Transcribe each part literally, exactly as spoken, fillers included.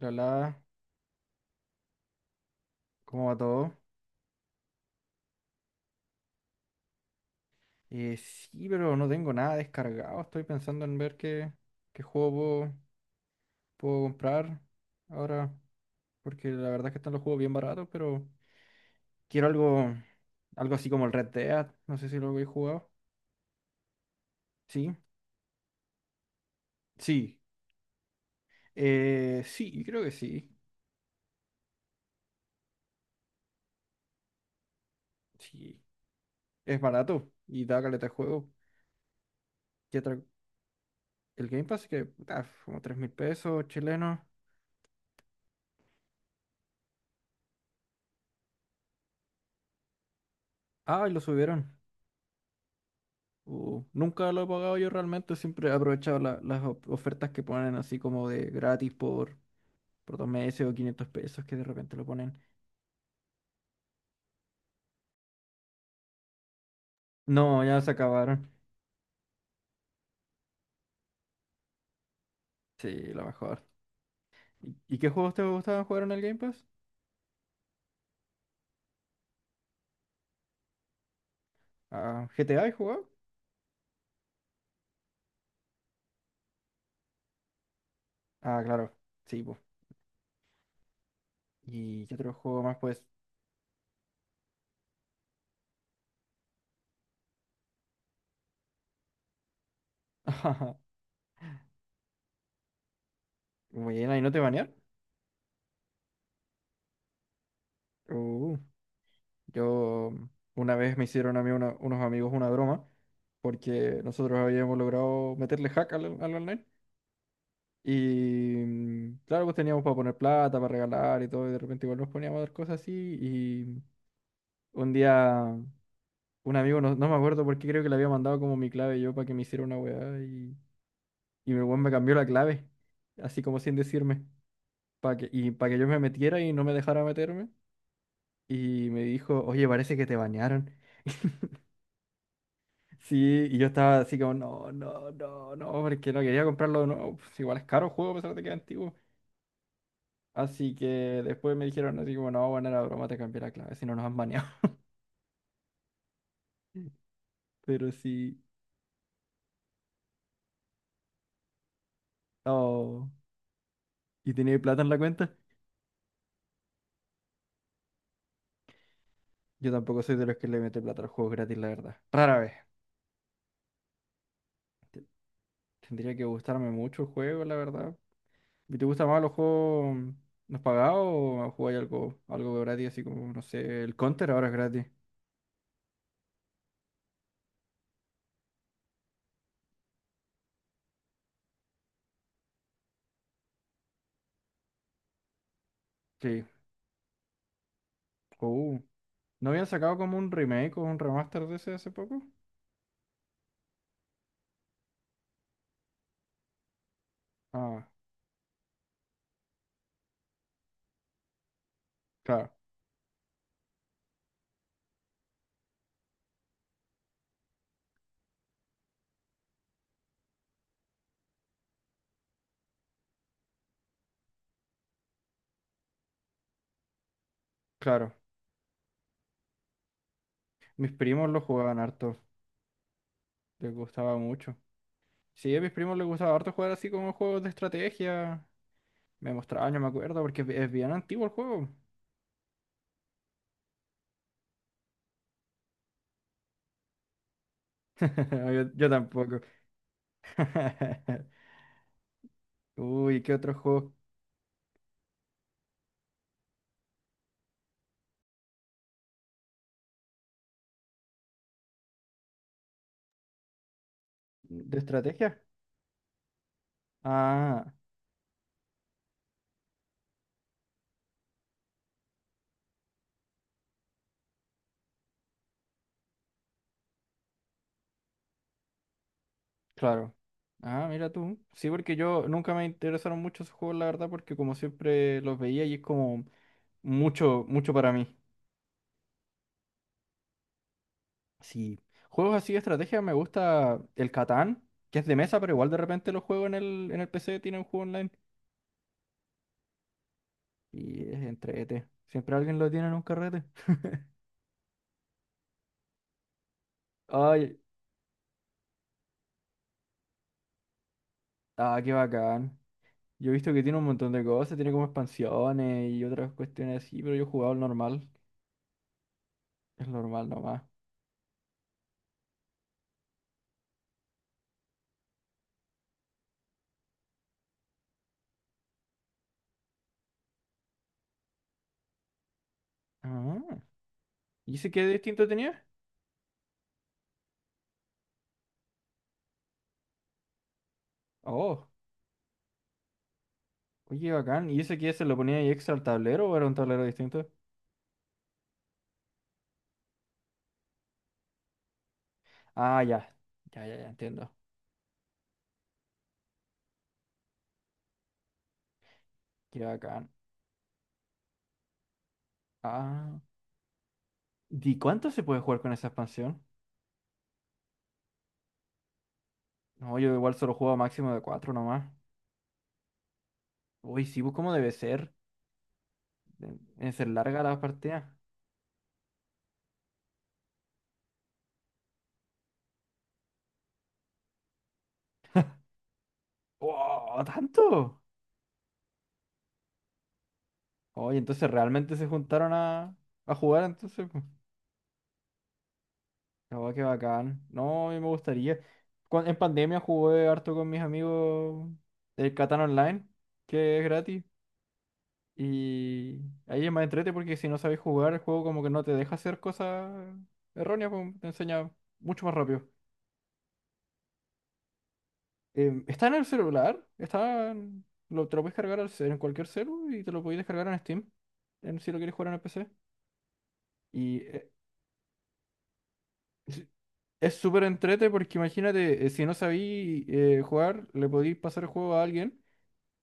Hola, ¿cómo va todo? Eh, sí, pero no tengo nada descargado. Estoy pensando en ver qué, qué juego puedo, puedo comprar ahora, porque la verdad es que están los juegos bien baratos, pero quiero algo, algo así como el Red Dead. No sé si lo habéis jugado. Sí, sí, eh, sí, creo que sí. Sí, es barato y da caleta de juego. ¿Qué otra- El Game Pass, que puta, como tres mil pesos chilenos. Ah, y lo subieron. Uh, nunca lo he pagado yo realmente, siempre he aprovechado la- las of- ofertas que ponen así como de gratis por, por dos meses o quinientos pesos que de repente lo ponen. No, ya se acabaron. Sí, lo mejor. ¿Y, y qué juegos te gustaban jugar en el Game Pass? Ah, ¿G T A he jugado? Ah, claro, sí, pues. ¿Y qué otro juego más pues? Bueno, ¿y no te banearon? Uh, yo una vez me hicieron a mí una- unos amigos una broma porque nosotros habíamos logrado meterle hack al, al online. Y mm, claro, pues teníamos para poner plata, para regalar y todo, y de repente igual nos poníamos a dar cosas así. Y un día un amigo, no, no me acuerdo por qué, creo que le había mandado como mi clave yo para que me hiciera una weá. Y, y el weón me cambió la clave, así como sin decirme, para que, y para que yo me metiera y no me dejara meterme. Y me dijo, oye, parece que te bañaron. Sí, y yo estaba así como, no, no, no, no, porque no quería comprarlo de nuevo. Pues igual es caro el juego a pesar de que es antiguo. Así que después me dijeron así como, no, bueno, era broma, te cambié la clave, si no nos han baneado. Pero sí. Oh. ¿Y tenía plata en la cuenta? Yo tampoco soy de los que le mete plata a los juegos gratis, la verdad. Rara vez. Te- Tendría que gustarme mucho el juego, la verdad. ¿Y te gustan más los juegos mm, los pagados o jugáis algo, algo gratis, así como, no sé, el Counter ahora es gratis? Sí. Uh, ¿No habían sacado como un remake o un remaster de ese hace poco? Ah, claro, claro. Mis primos lo jugaban harto. Les gustaba mucho. Sí, a mis primos les gustaba harto jugar así como juegos de estrategia. Me mostraban, yo me acuerdo, porque es es bien antiguo el juego. Yo, yo tampoco. Uy, ¿qué otros juegos de estrategia? Ah, claro. Ah, mira tú. Sí, porque yo nunca me interesaron mucho esos juegos, la verdad, porque como siempre los veía y es como mucho, mucho para mí. Sí. Juegos así de estrategia me gusta el Catán, que es de mesa, pero igual de repente lo juego en el, en el P C, tiene un juego online. Y es entrete. Siempre alguien lo tiene en un carrete. Ay, ah, qué bacán. Yo he visto que tiene un montón de cosas, tiene como expansiones y otras cuestiones así, pero yo he jugado el normal. Es normal nomás. Ah, ¿y ese qué distinto tenía? Oh, oye, bacán. ¿Y ese qué se lo ponía ahí extra al tablero o era un tablero distinto? Ah, ya. Ya, ya, ya entiendo. Qué bacán. Ah, ¿y cuánto se puede jugar con esa expansión? No, yo igual solo juego máximo de cuatro nomás. Uy, sí, pues, ¿cómo debe ser? Deben deben ser largas las partidas. ¡Wow! ¿Tanto? Oye, entonces realmente se juntaron a, a jugar entonces. Pues. Oh, qué bacán. No, a mí me gustaría. Cuan- en pandemia jugué harto con mis amigos el Catán Online, que es gratis. Y ahí es más entrete porque si no sabes jugar, el juego como que no te deja hacer cosas erróneas, pues, te enseña mucho más rápido. Em, está en el celular, está en- lo, te lo puedes cargar al cel- en cualquier celu y te lo puedes descargar en Steam, en- si lo quieres jugar en el P C. Y eh, Es súper entrete porque imagínate, eh, si no sabí eh, jugar, le podéis pasar el juego a alguien.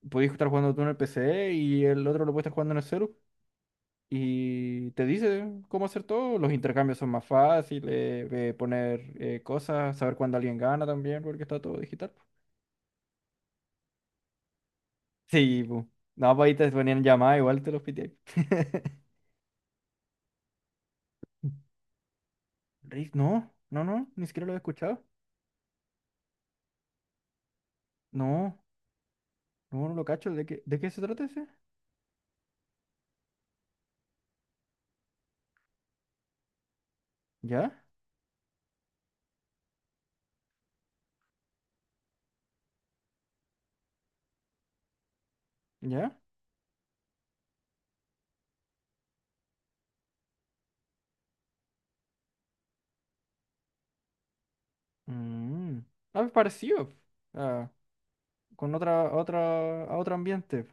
Podéis estar jugando tú en el P C y el otro lo puede estar jugando en el celu. Y te dice cómo hacer todo. Los intercambios son más fáciles, eh, poner eh, cosas, saber cuándo alguien gana también, porque está todo digital. Sí, pu. No, pues ahí te ponían llamada, igual te los pité. Risk, no, no, no, ni siquiera lo he escuchado. No, no, no lo cacho. ¿De qué, de qué se trata ese? ¿Ya? ¿Ya? Mm. Ah, es parecido. Ah, con otra, otra, a otro ambiente.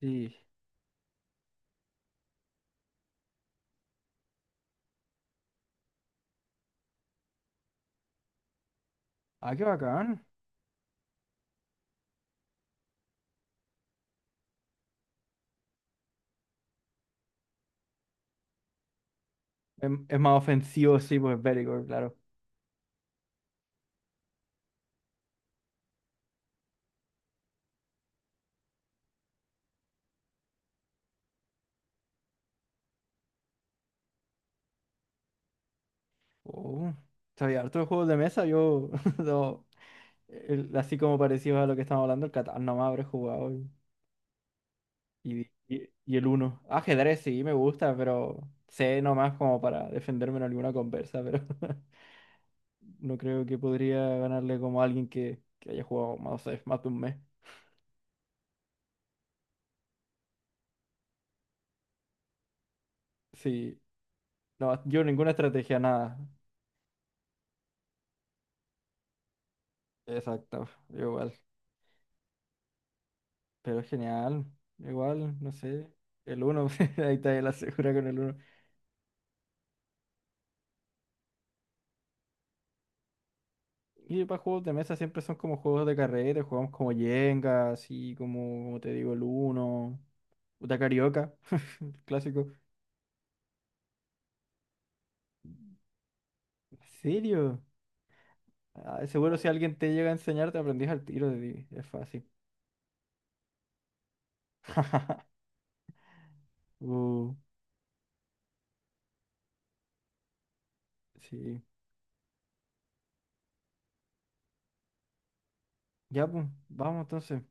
Sí. Ah, qué bacán. Es, es más ofensivo, sí, pues bélico, claro. Oh, sabía harto de juegos de mesa, yo no, el- así como parecido a lo que estamos hablando, el Catán nomás habré jugado y, y, y- y el Uno. Ajedrez sí me gusta, pero sé nomás como para defenderme en alguna conversa, pero no creo que podría ganarle como a alguien que, que haya jugado, no sé, más de un mes. Sí. No, yo ninguna estrategia, nada. Exacto, yo igual. Pero genial, igual, no sé. El uno, ahí está la segura con el uno. Y para juegos de mesa siempre son como juegos de carrera, jugamos como Jenga, así como, como te digo, el uno. Puta carioca, el clásico. ¿En serio? Ah, seguro si alguien te llega a enseñar, te aprendís al tiro de es fácil. Uh, sí. Ya, pues, vamos entonces.